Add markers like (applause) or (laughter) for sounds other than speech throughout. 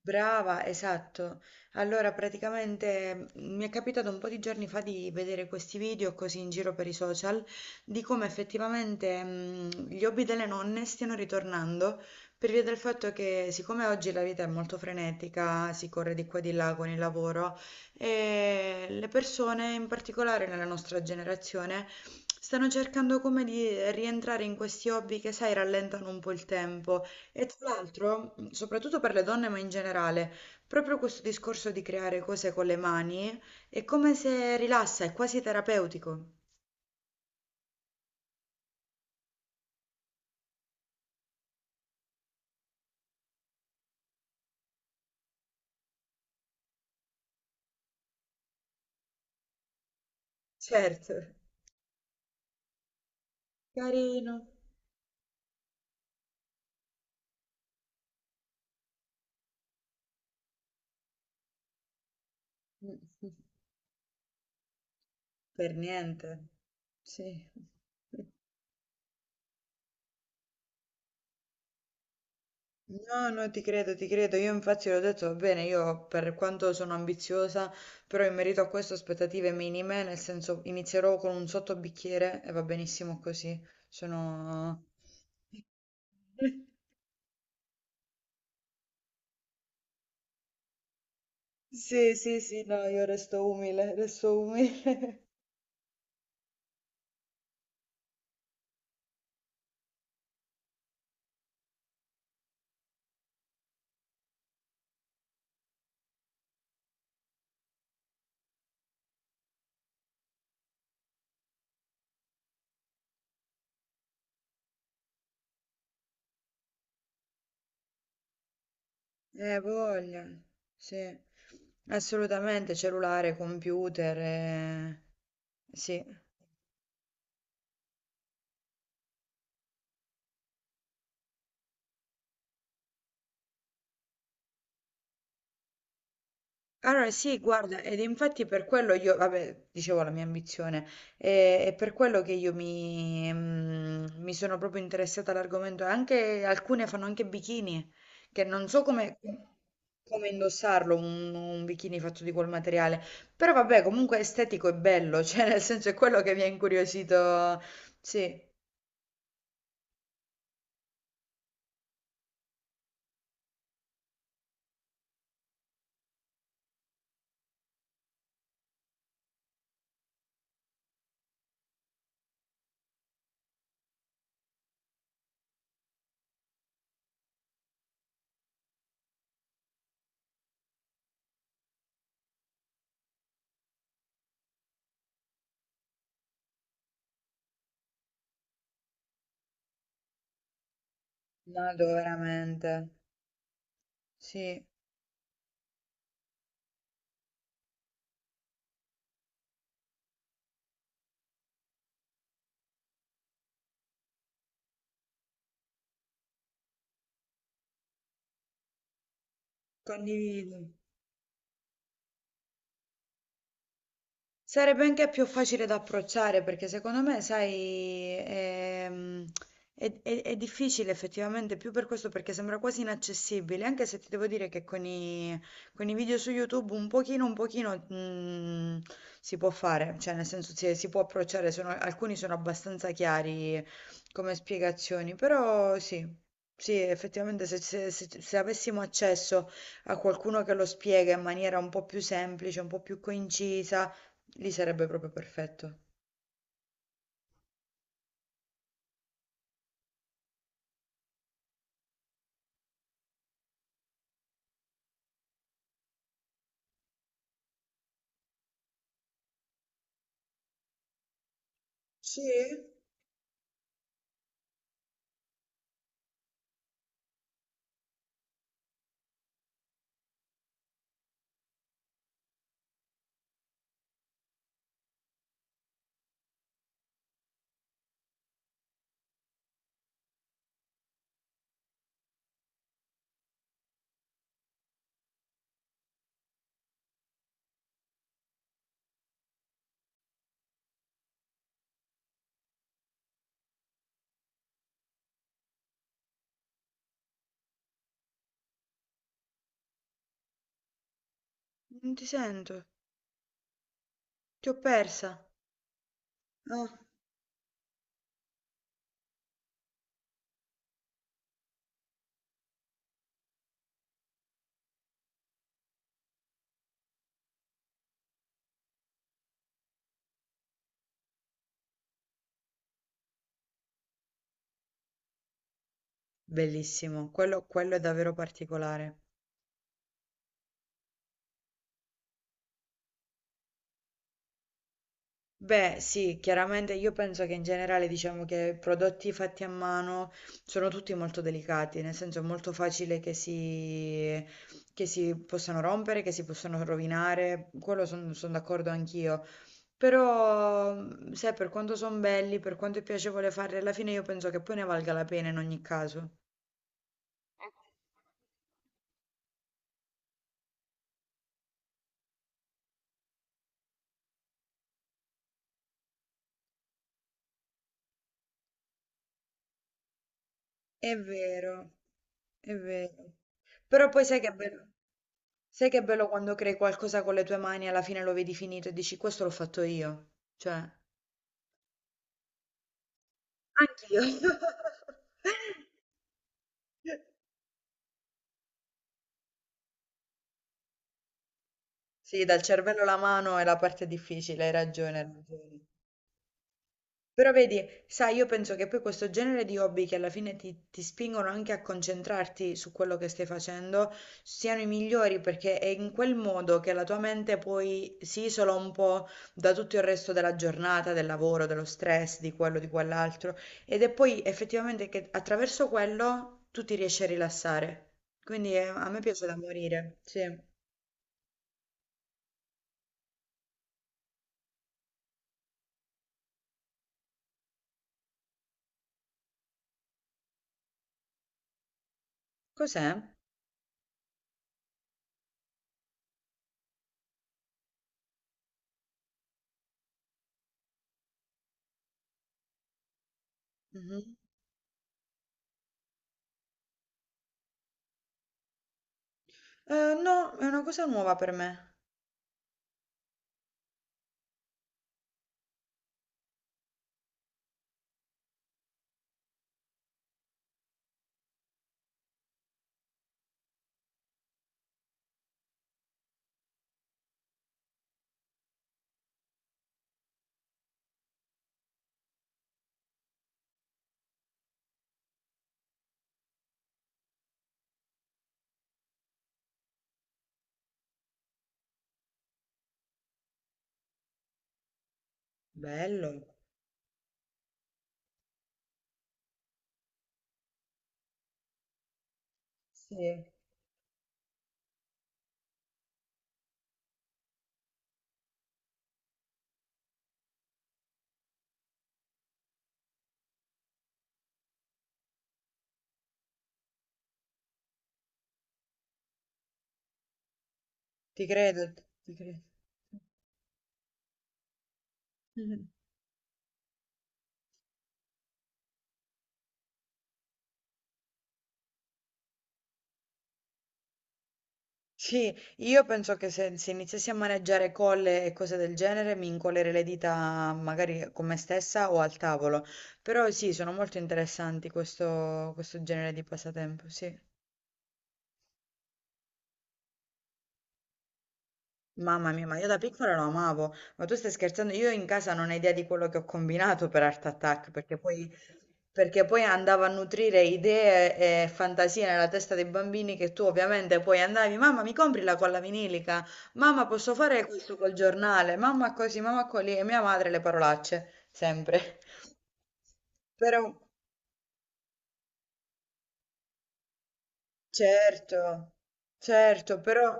Brava, esatto. Allora, praticamente mi è capitato un po' di giorni fa di vedere questi video così in giro per i social di come effettivamente gli hobby delle nonne stiano ritornando per via del fatto che siccome oggi la vita è molto frenetica, si corre di qua e di là con il lavoro e le persone, in particolare nella nostra generazione, stanno cercando come di rientrare in questi hobby che, sai, rallentano un po' il tempo e tra l'altro, soprattutto per le donne, ma in generale, proprio questo discorso di creare cose con le mani è come se rilassa, è quasi terapeutico. Certo, carino. (laughs) Mm, Per niente. Sì. No, no, ti credo, ti credo. Io infatti l'ho detto, va bene, io per quanto sono ambiziosa, però in merito a questo aspettative minime, nel senso inizierò con un sottobicchiere e va benissimo così. Sono... (laughs) Sì, sì, sì, no, io resto umile, resto umile. (laughs) Voglia, sì, assolutamente, cellulare, computer, sì. Allora, sì, guarda, ed infatti per quello io, vabbè, dicevo la mia ambizione, e per quello che io mi sono proprio interessata all'argomento, anche alcune fanno anche bikini, che non so come, come indossarlo, un bikini fatto di quel materiale, però vabbè, comunque è estetico e bello, (laughs) cioè nel senso è quello che mi ha incuriosito, sì, nato veramente, sì, condivido. Sarebbe anche più facile da approcciare perché secondo me, sai, è difficile effettivamente più per questo perché sembra quasi inaccessibile, anche se ti devo dire che con i video su YouTube un pochino, un pochino, si può fare, cioè nel senso si può approcciare, alcuni sono abbastanza chiari come spiegazioni, però sì, sì, effettivamente se avessimo accesso a qualcuno che lo spiega in maniera un po' più semplice, un po' più concisa, lì sarebbe proprio perfetto. Sì? Non ti sento, ti ho persa. Ah, bellissimo, quello è davvero particolare. Beh, sì, chiaramente io penso che in generale diciamo che prodotti fatti a mano sono tutti molto delicati, nel senso è molto facile che si possano rompere, che si possano rovinare, quello sono d'accordo anch'io. Però, sai, per quanto sono belli, per quanto è piacevole farli, alla fine io penso che poi ne valga la pena in ogni caso. È vero, è vero. Però poi sai che è bello, sai che è bello quando crei qualcosa con le tue mani e alla fine lo vedi finito e dici questo l'ho fatto io. Cioè, anch'io. (laughs) Sì, dal cervello la mano è la parte difficile, hai ragione, hai ragione. Però vedi, sai, io penso che poi questo genere di hobby che alla fine ti spingono anche a concentrarti su quello che stai facendo siano i migliori perché è in quel modo che la tua mente poi si isola un po' da tutto il resto della giornata, del lavoro, dello stress, di quello, di quell'altro. Ed è poi effettivamente che attraverso quello tu ti riesci a rilassare. Quindi a me piace da morire, sì. Cos'è? Mhm. No, è una cosa nuova per me. Bello. Sì. Ti credo, ti credo. Mh-mh. Sì, io penso che se iniziassi a maneggiare colle e cose del genere mi incollerei le dita magari con me stessa o al tavolo. Però sì, sono molto interessanti questo genere di passatempo, sì. Mamma mia, ma io da piccola lo amavo, ma tu stai scherzando? Io in casa non ho idea di quello che ho combinato per Art Attack, perché poi andavo a nutrire idee e fantasie nella testa dei bambini che tu ovviamente poi andavi, mamma mi compri la colla vinilica, mamma posso fare questo col giornale, mamma così, e mia madre le parolacce, sempre. (laughs) Però... Certo, certo, però,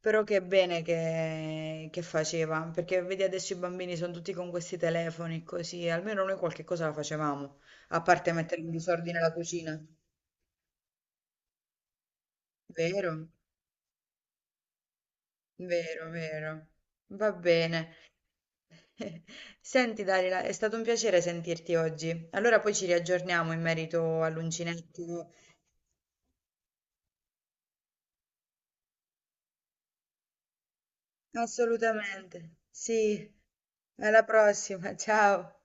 però che bene che faceva, perché vedi adesso i bambini sono tutti con questi telefoni così, almeno noi qualche cosa la facevamo, a parte mettere in disordine la cucina. Vero, vero, vero. Va bene. (laughs) Senti Darila, è stato un piacere sentirti oggi. Allora poi ci riaggiorniamo in merito all'uncinetto. Assolutamente. Sì, alla prossima, ciao.